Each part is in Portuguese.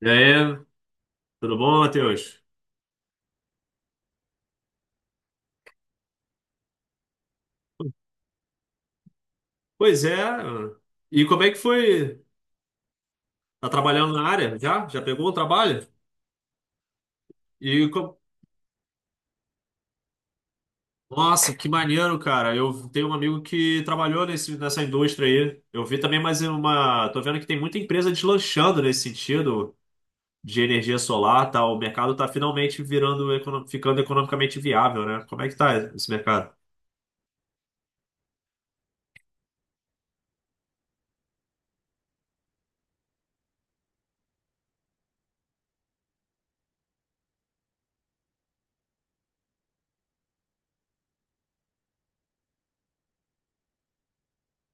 E aí, tudo bom, Matheus? Pois é. E como é que foi? Tá trabalhando na área? Já? Já pegou o trabalho? E co- Nossa, que maneiro, cara. Eu tenho um amigo que trabalhou nessa indústria aí. Eu vi também mais uma. Tô vendo que tem muita empresa deslanchando nesse sentido de energia solar, tá? O mercado tá finalmente virando, ficando economicamente viável, né? Como é que tá esse mercado?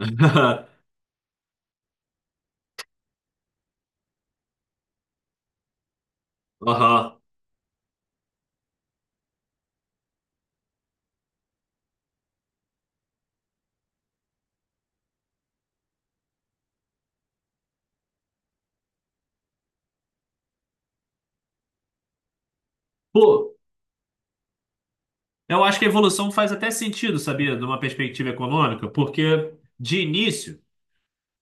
Aham. Pô, eu acho que a evolução faz até sentido, sabia, de uma perspectiva econômica, porque de início,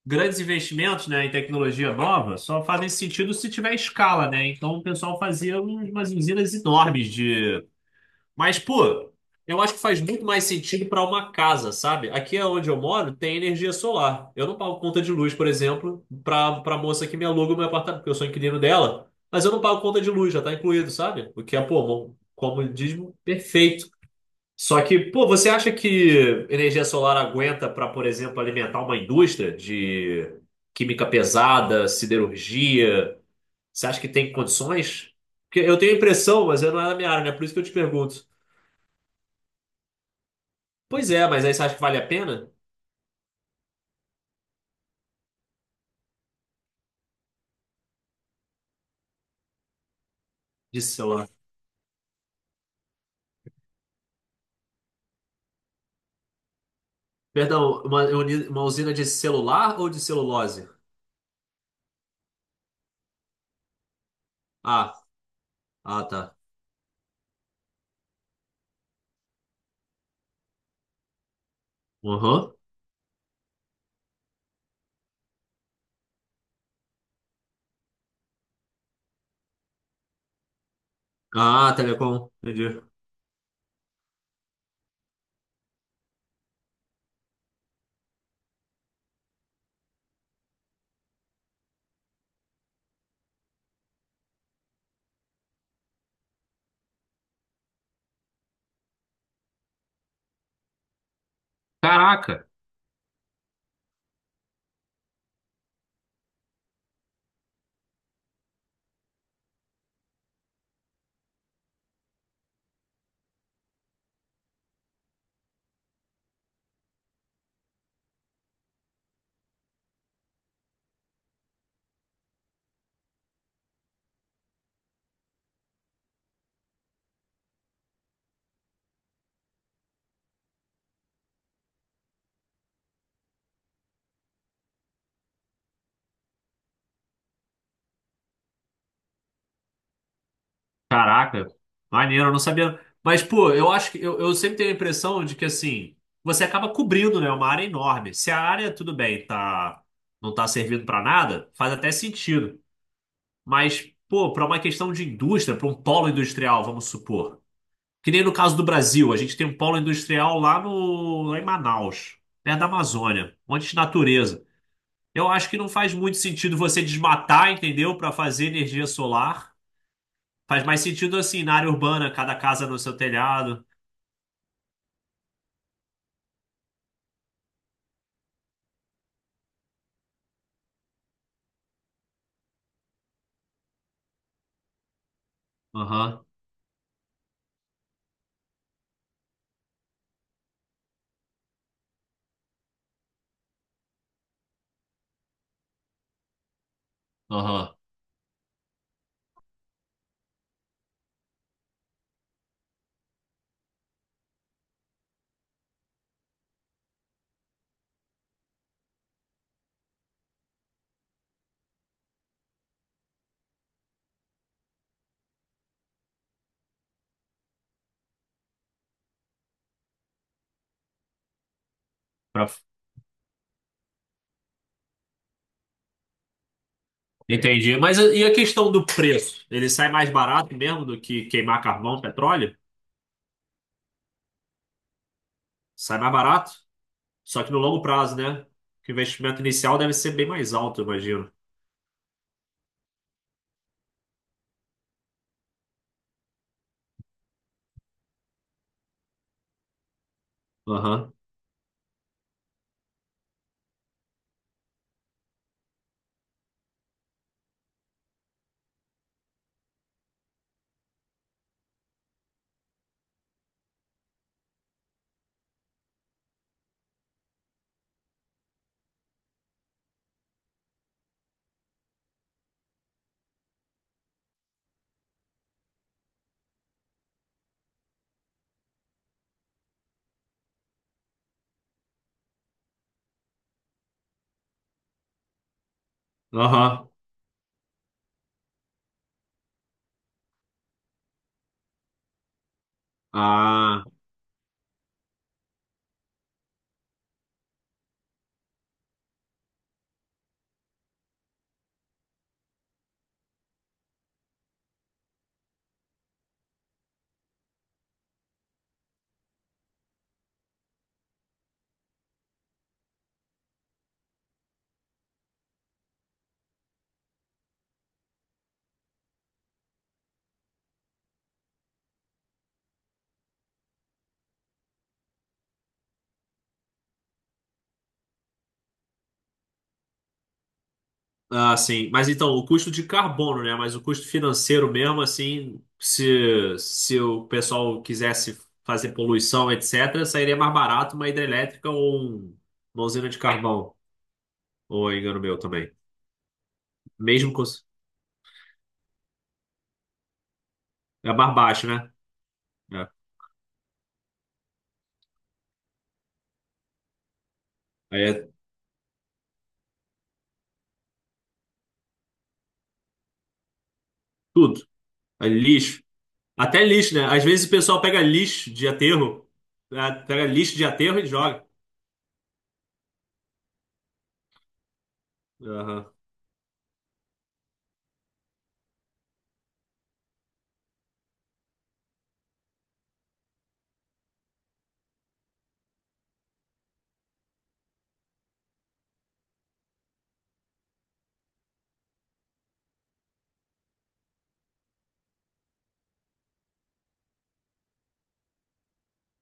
grandes investimentos, né, em tecnologia nova só fazem sentido se tiver escala, né? Então o pessoal fazia umas usinas enormes de. Mas, pô, eu acho que faz muito mais sentido para uma casa, sabe? Aqui é onde eu moro tem energia solar. Eu não pago conta de luz, por exemplo, para moça que me aluga o meu apartamento, porque eu sou inquilino dela, mas eu não pago conta de luz, já tá incluído, sabe? O que é, pô, bom, como diz, perfeito. Só que, pô, você acha que energia solar aguenta para, por exemplo, alimentar uma indústria de química pesada, siderurgia? Você acha que tem condições? Porque eu tenho a impressão, mas eu não é da minha área, né? Por isso que eu te pergunto. Pois é, mas aí você acha que vale a pena? De celular. Perdão, uma usina de celular ou de celulose? Ah, ah, tá. Uhum. Ah, telecom. Entendi. Caraca! Caraca, maneiro, eu não sabia. Mas, pô, eu acho que eu sempre tenho a impressão de que assim, você acaba cobrindo, né, uma área enorme. Se a área, tudo bem, tá, não tá servindo pra nada, faz até sentido. Mas, pô, pra uma questão de indústria, pra um polo industrial, vamos supor. Que nem no caso do Brasil, a gente tem um polo industrial lá no, lá em Manaus, perto da Amazônia, um monte de natureza. Eu acho que não faz muito sentido você desmatar, entendeu, pra fazer energia solar. Faz mais sentido assim, na área urbana, cada casa no seu telhado. Aham, aham. Pra- Entendi. Mas e a questão do preço? Ele sai mais barato mesmo do que queimar carvão, petróleo? Sai mais barato? Só que no longo prazo, né? Que o investimento inicial deve ser bem mais alto, eu imagino. Aham, aham. Ah. Ah, sim. Mas então, o custo de carbono, né? Mas o custo financeiro mesmo, assim, se o pessoal quisesse fazer poluição, etc., sairia mais barato uma hidrelétrica ou uma usina de carvão. Ou é engano meu também. Mesmo com... É mais baixo, né? É. Aí é tudo. É lixo. Até lixo, né? Às vezes o pessoal pega lixo de aterro, pega lixo de aterro e joga. Aham.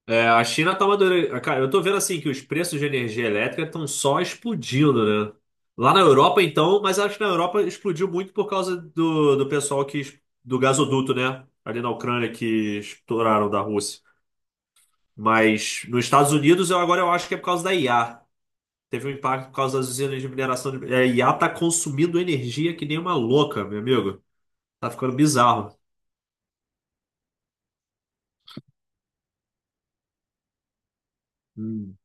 É, a China tá madurando. Ah, cara, eu tô vendo assim que os preços de energia elétrica estão só explodindo, né? Lá na Europa, então, mas acho que na Europa explodiu muito por causa do pessoal que, do gasoduto, né? Ali na Ucrânia que estouraram da Rússia. Mas nos Estados Unidos, eu agora eu acho que é por causa da IA. Teve um impacto por causa das usinas de mineração. A IA tá consumindo energia que nem uma louca, meu amigo. Tá ficando bizarro. Hum.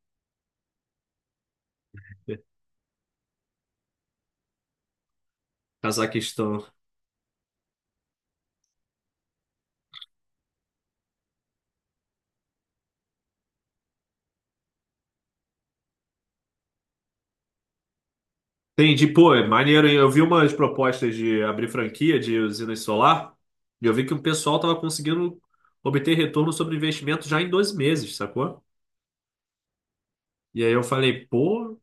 Cazaquistão. Entendi, pô, é maneiro, hein? Eu vi umas propostas de abrir franquia de usinas solar e eu vi que o pessoal tava conseguindo obter retorno sobre investimento já em 12 meses, sacou? E aí eu falei, pô,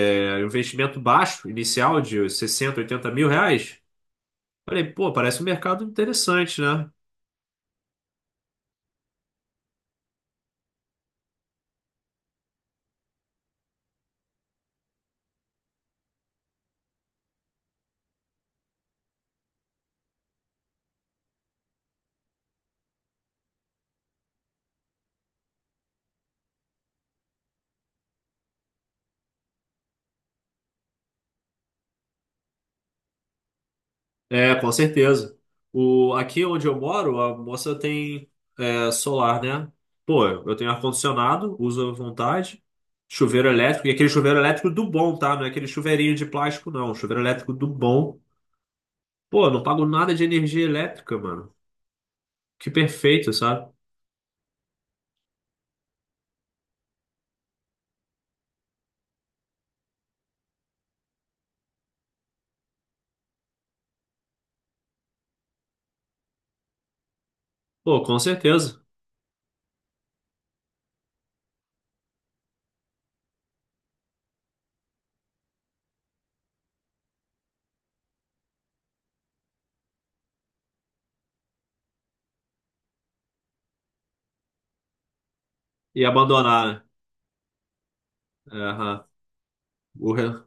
é, investimento baixo, inicial de 60, 80 mil reais. Falei, pô, parece um mercado interessante, né? É, com certeza. Aqui onde eu moro, a moça tem solar, né? Pô, eu tenho ar-condicionado, uso à vontade, chuveiro elétrico, e aquele chuveiro elétrico do bom, tá? Não é aquele chuveirinho de plástico, não. Chuveiro elétrico do bom. Pô, eu não pago nada de energia elétrica, mano. Que perfeito, sabe? Pô, com certeza. E abandonar, né? É, aham. O re-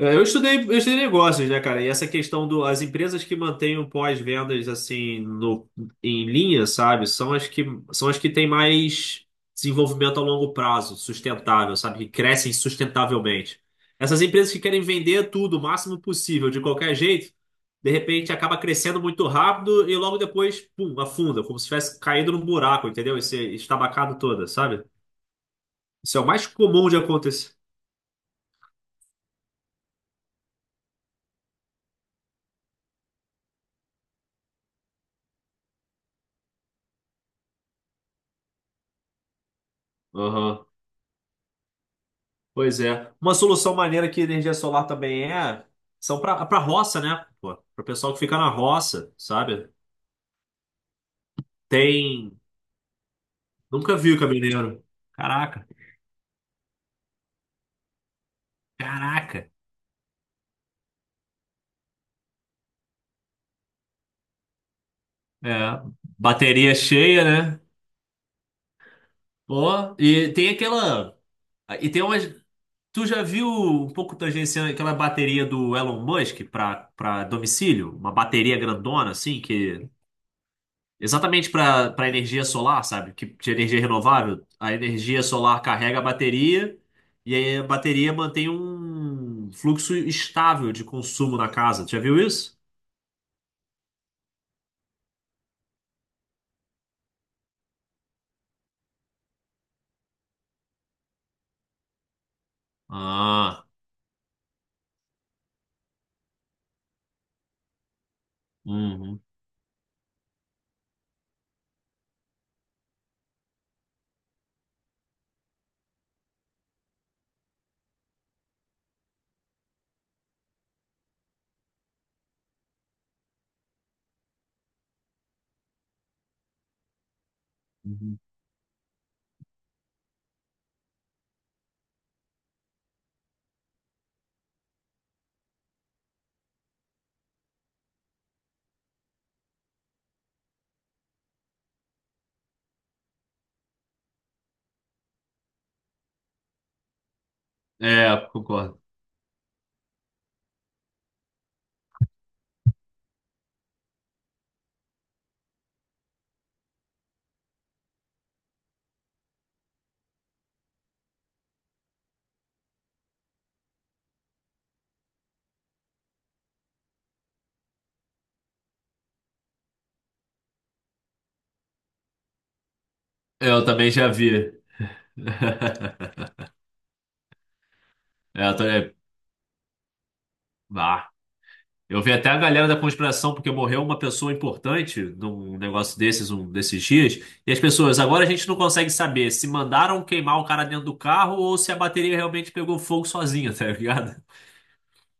É, eu estudei negócios, né, cara? E essa questão do, as empresas que mantêm o pós-vendas assim no, em linha, sabe? São as que têm mais desenvolvimento a longo prazo, sustentável, sabe? Que crescem sustentavelmente. Essas empresas que querem vender tudo o máximo possível, de qualquer jeito, de repente acaba crescendo muito rápido e logo depois, pum, afunda, como se tivesse caído num buraco, entendeu? Esse estabacado toda, sabe? Isso é o mais comum de acontecer. Aham. Pois é. Uma solução maneira que energia solar também é, são para roça, né? Pô, para o pessoal que fica na roça, sabe? Tem. Nunca vi o caminhoneiro. Caraca, caraca. É, bateria cheia, né? Pô, e tem aquela. E tem umas. Tu já viu um pouco tangenciando aquela bateria do Elon Musk para domicílio? Uma bateria grandona, assim, que exatamente para energia solar, sabe? Que de energia renovável, a energia solar carrega a bateria e aí a bateria mantém um fluxo estável de consumo na casa. Já viu isso? Ah, uhum, uhum. É, concordo. Eu também já vi. É, eu tô- é, ah, eu vi até a galera da conspiração, porque morreu uma pessoa importante num negócio desses, um desses dias, e as pessoas, agora a gente não consegue saber se mandaram queimar o cara dentro do carro ou se a bateria realmente pegou fogo sozinha, tá ligado?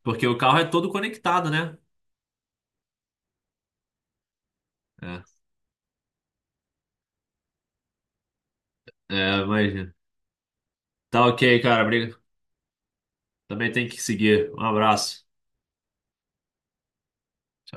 Porque o carro é todo conectado, né? É, mas tá ok, cara. Briga. Também tem que seguir. Um abraço.